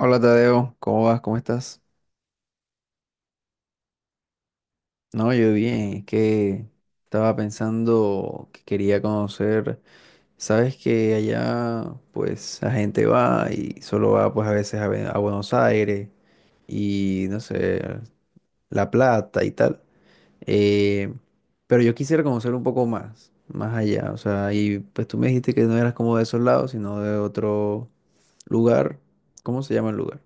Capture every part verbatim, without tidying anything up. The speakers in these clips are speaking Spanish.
Hola Tadeo, ¿cómo vas? ¿Cómo estás? No, yo bien, es que estaba pensando que quería conocer, sabes que allá pues la gente va y solo va pues a veces a, Be- a Buenos Aires y no sé, La Plata y tal, eh, pero yo quisiera conocer un poco más, más allá, o sea, y pues tú me dijiste que no eras como de esos lados, sino de otro lugar. ¿Cómo se llama el lugar?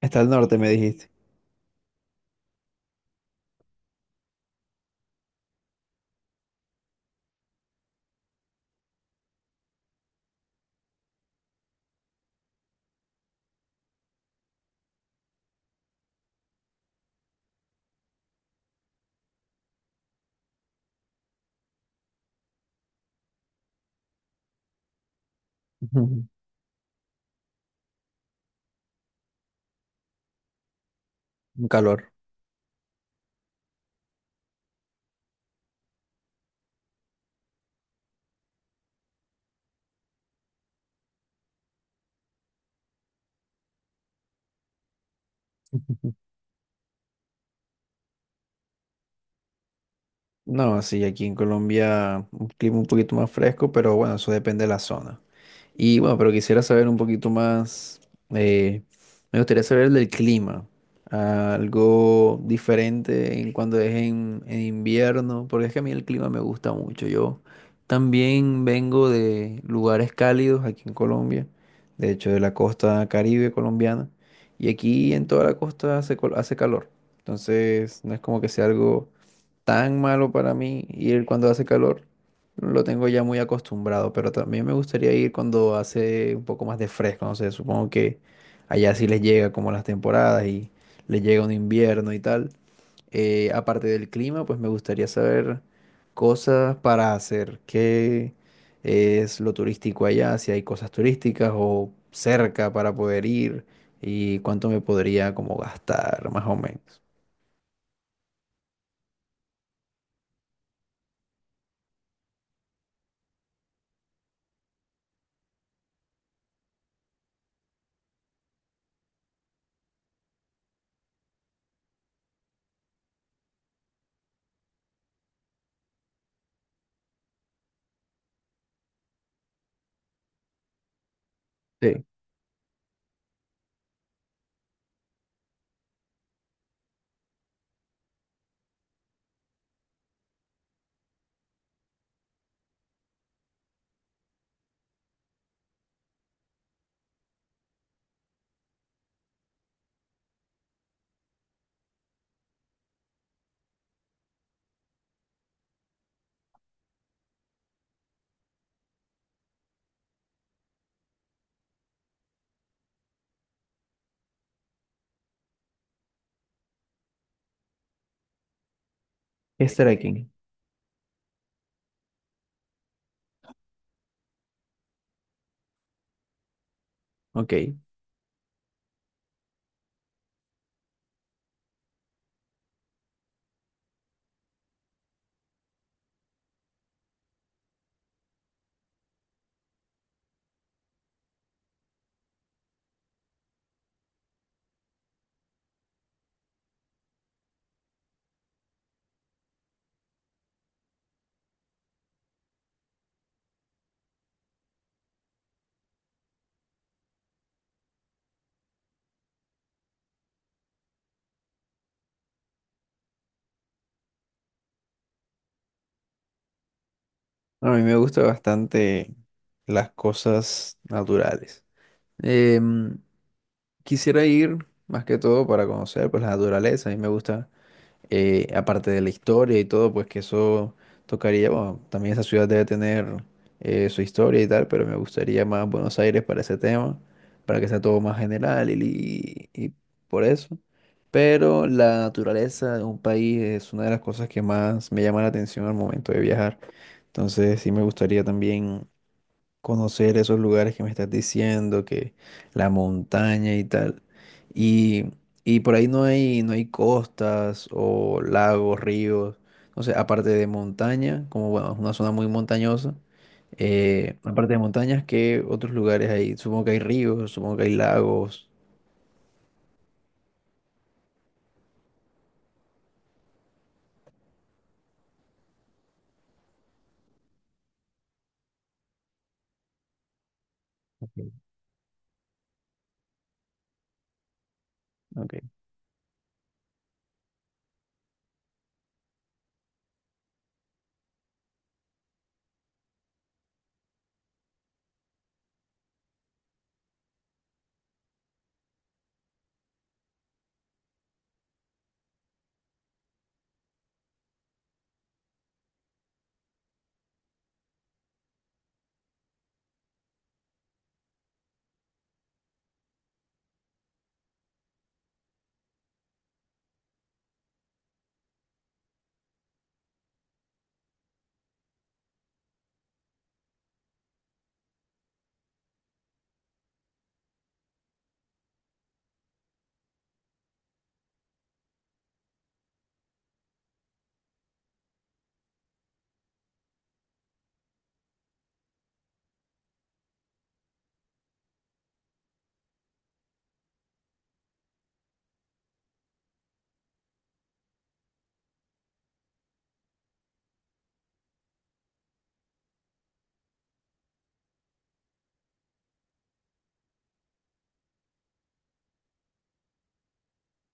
Está al norte, me dijiste. Un calor. No, sí, aquí en Colombia un clima un poquito más fresco, pero bueno, eso depende de la zona. Y bueno, pero quisiera saber un poquito más, eh, me gustaría saber del clima, algo diferente en cuando es en, en invierno, porque es que a mí el clima me gusta mucho. Yo también vengo de lugares cálidos aquí en Colombia, de hecho de la costa Caribe colombiana, y aquí en toda la costa hace, col- hace calor, entonces no es como que sea algo tan malo para mí ir cuando hace calor. Lo tengo ya muy acostumbrado, pero también me gustaría ir cuando hace un poco más de fresco, no sé, supongo que allá sí les llega como las temporadas y les llega un invierno y tal. Eh, aparte del clima, pues me gustaría saber cosas para hacer, qué es lo turístico allá, si hay cosas turísticas o cerca para poder ir y cuánto me podría como gastar, más o menos. Sí, es trekking. Ok. No, a mí me gustan bastante las cosas naturales. Em, Quisiera ir más que todo para conocer pues la naturaleza. A mí me gusta eh, aparte de la historia y todo, pues que eso tocaría, bueno, también esa ciudad debe tener eh, su historia y tal, pero me gustaría más Buenos Aires para ese tema, para que sea todo más general y, li- y por eso. Pero la naturaleza de un país es una de las cosas que más me llama la atención al momento de viajar. Entonces sí me gustaría también conocer esos lugares que me estás diciendo, que la montaña y tal. Y, y por ahí no hay, no hay costas o lagos, ríos. No sé, aparte de montaña, como bueno, es una zona muy montañosa. Eh, aparte de montañas, ¿qué otros lugares hay? Supongo que hay ríos, supongo que hay lagos. Ok. Ok.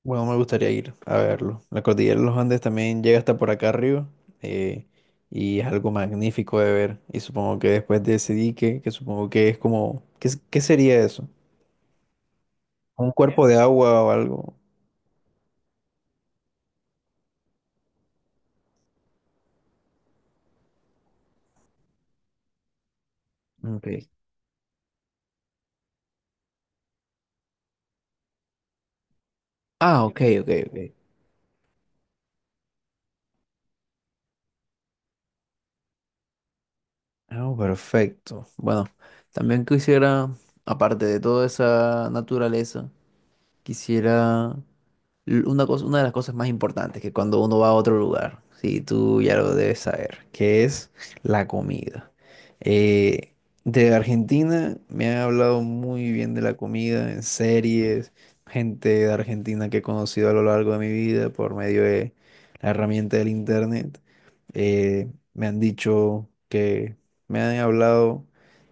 Bueno, me gustaría ir a verlo. La cordillera de los Andes también llega hasta por acá arriba eh, y es algo magnífico de ver. Y supongo que después de ese dique, que supongo que es como, ¿qué, es- ¿qué sería eso? ¿Un cuerpo de agua o algo? Ok. Ah, ok, ok, ok. Ah, perfecto. Bueno, también quisiera, aparte de toda esa naturaleza, quisiera l- una cosa, una de las cosas más importantes que cuando uno va a otro lugar, sí, tú ya lo debes saber, que es la comida. Eh, de Argentina me han hablado muy bien de la comida en series, gente de Argentina que he conocido a lo largo de mi vida por medio de la herramienta del internet. Eh, me han dicho que me han hablado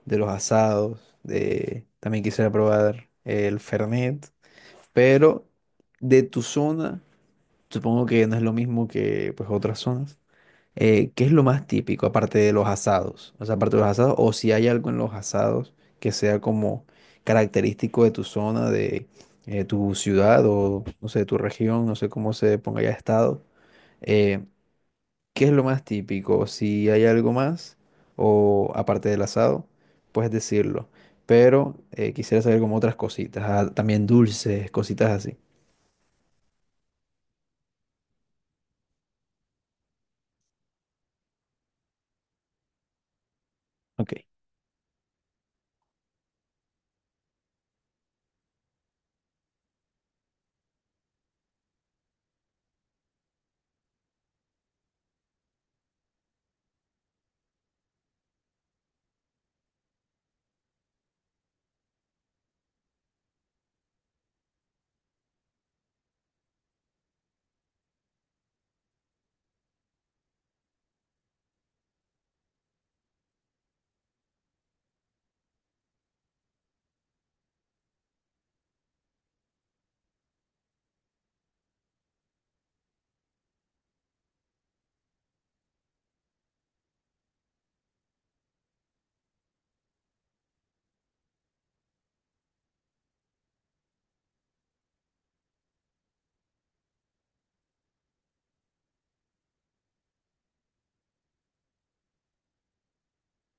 de los asados, de también quisiera probar el Fernet. Pero de tu zona, supongo que no es lo mismo que pues otras zonas. Eh, ¿qué es lo más típico aparte de los asados? O sea, aparte de los asados, o si hay algo en los asados que sea como característico de tu zona, de eh, tu ciudad o no sé, tu región, no sé cómo se ponga ya estado. eh, ¿Qué es lo más típico? Si hay algo más o aparte del asado, puedes decirlo. Pero eh, quisiera saber como otras cositas, ah, también dulces, cositas así. Ok.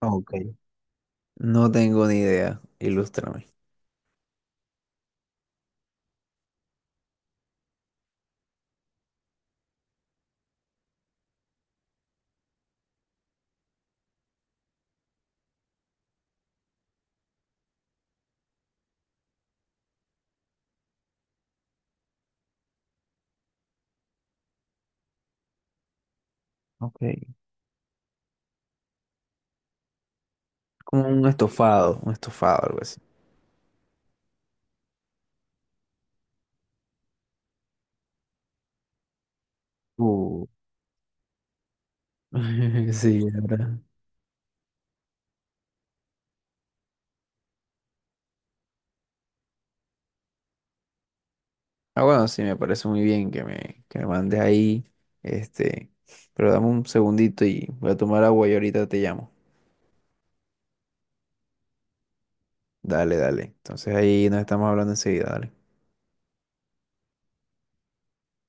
Ok, no tengo ni idea. Ilústrame. Ok. Como un estofado, un estofado, algo así. Uh, sí, la verdad. Ah, bueno, sí, me parece muy bien que me, que me mandes ahí. Este, pero dame un segundito y voy a tomar agua y ahorita te llamo. Dale, dale. Entonces ahí nos estamos hablando enseguida, dale.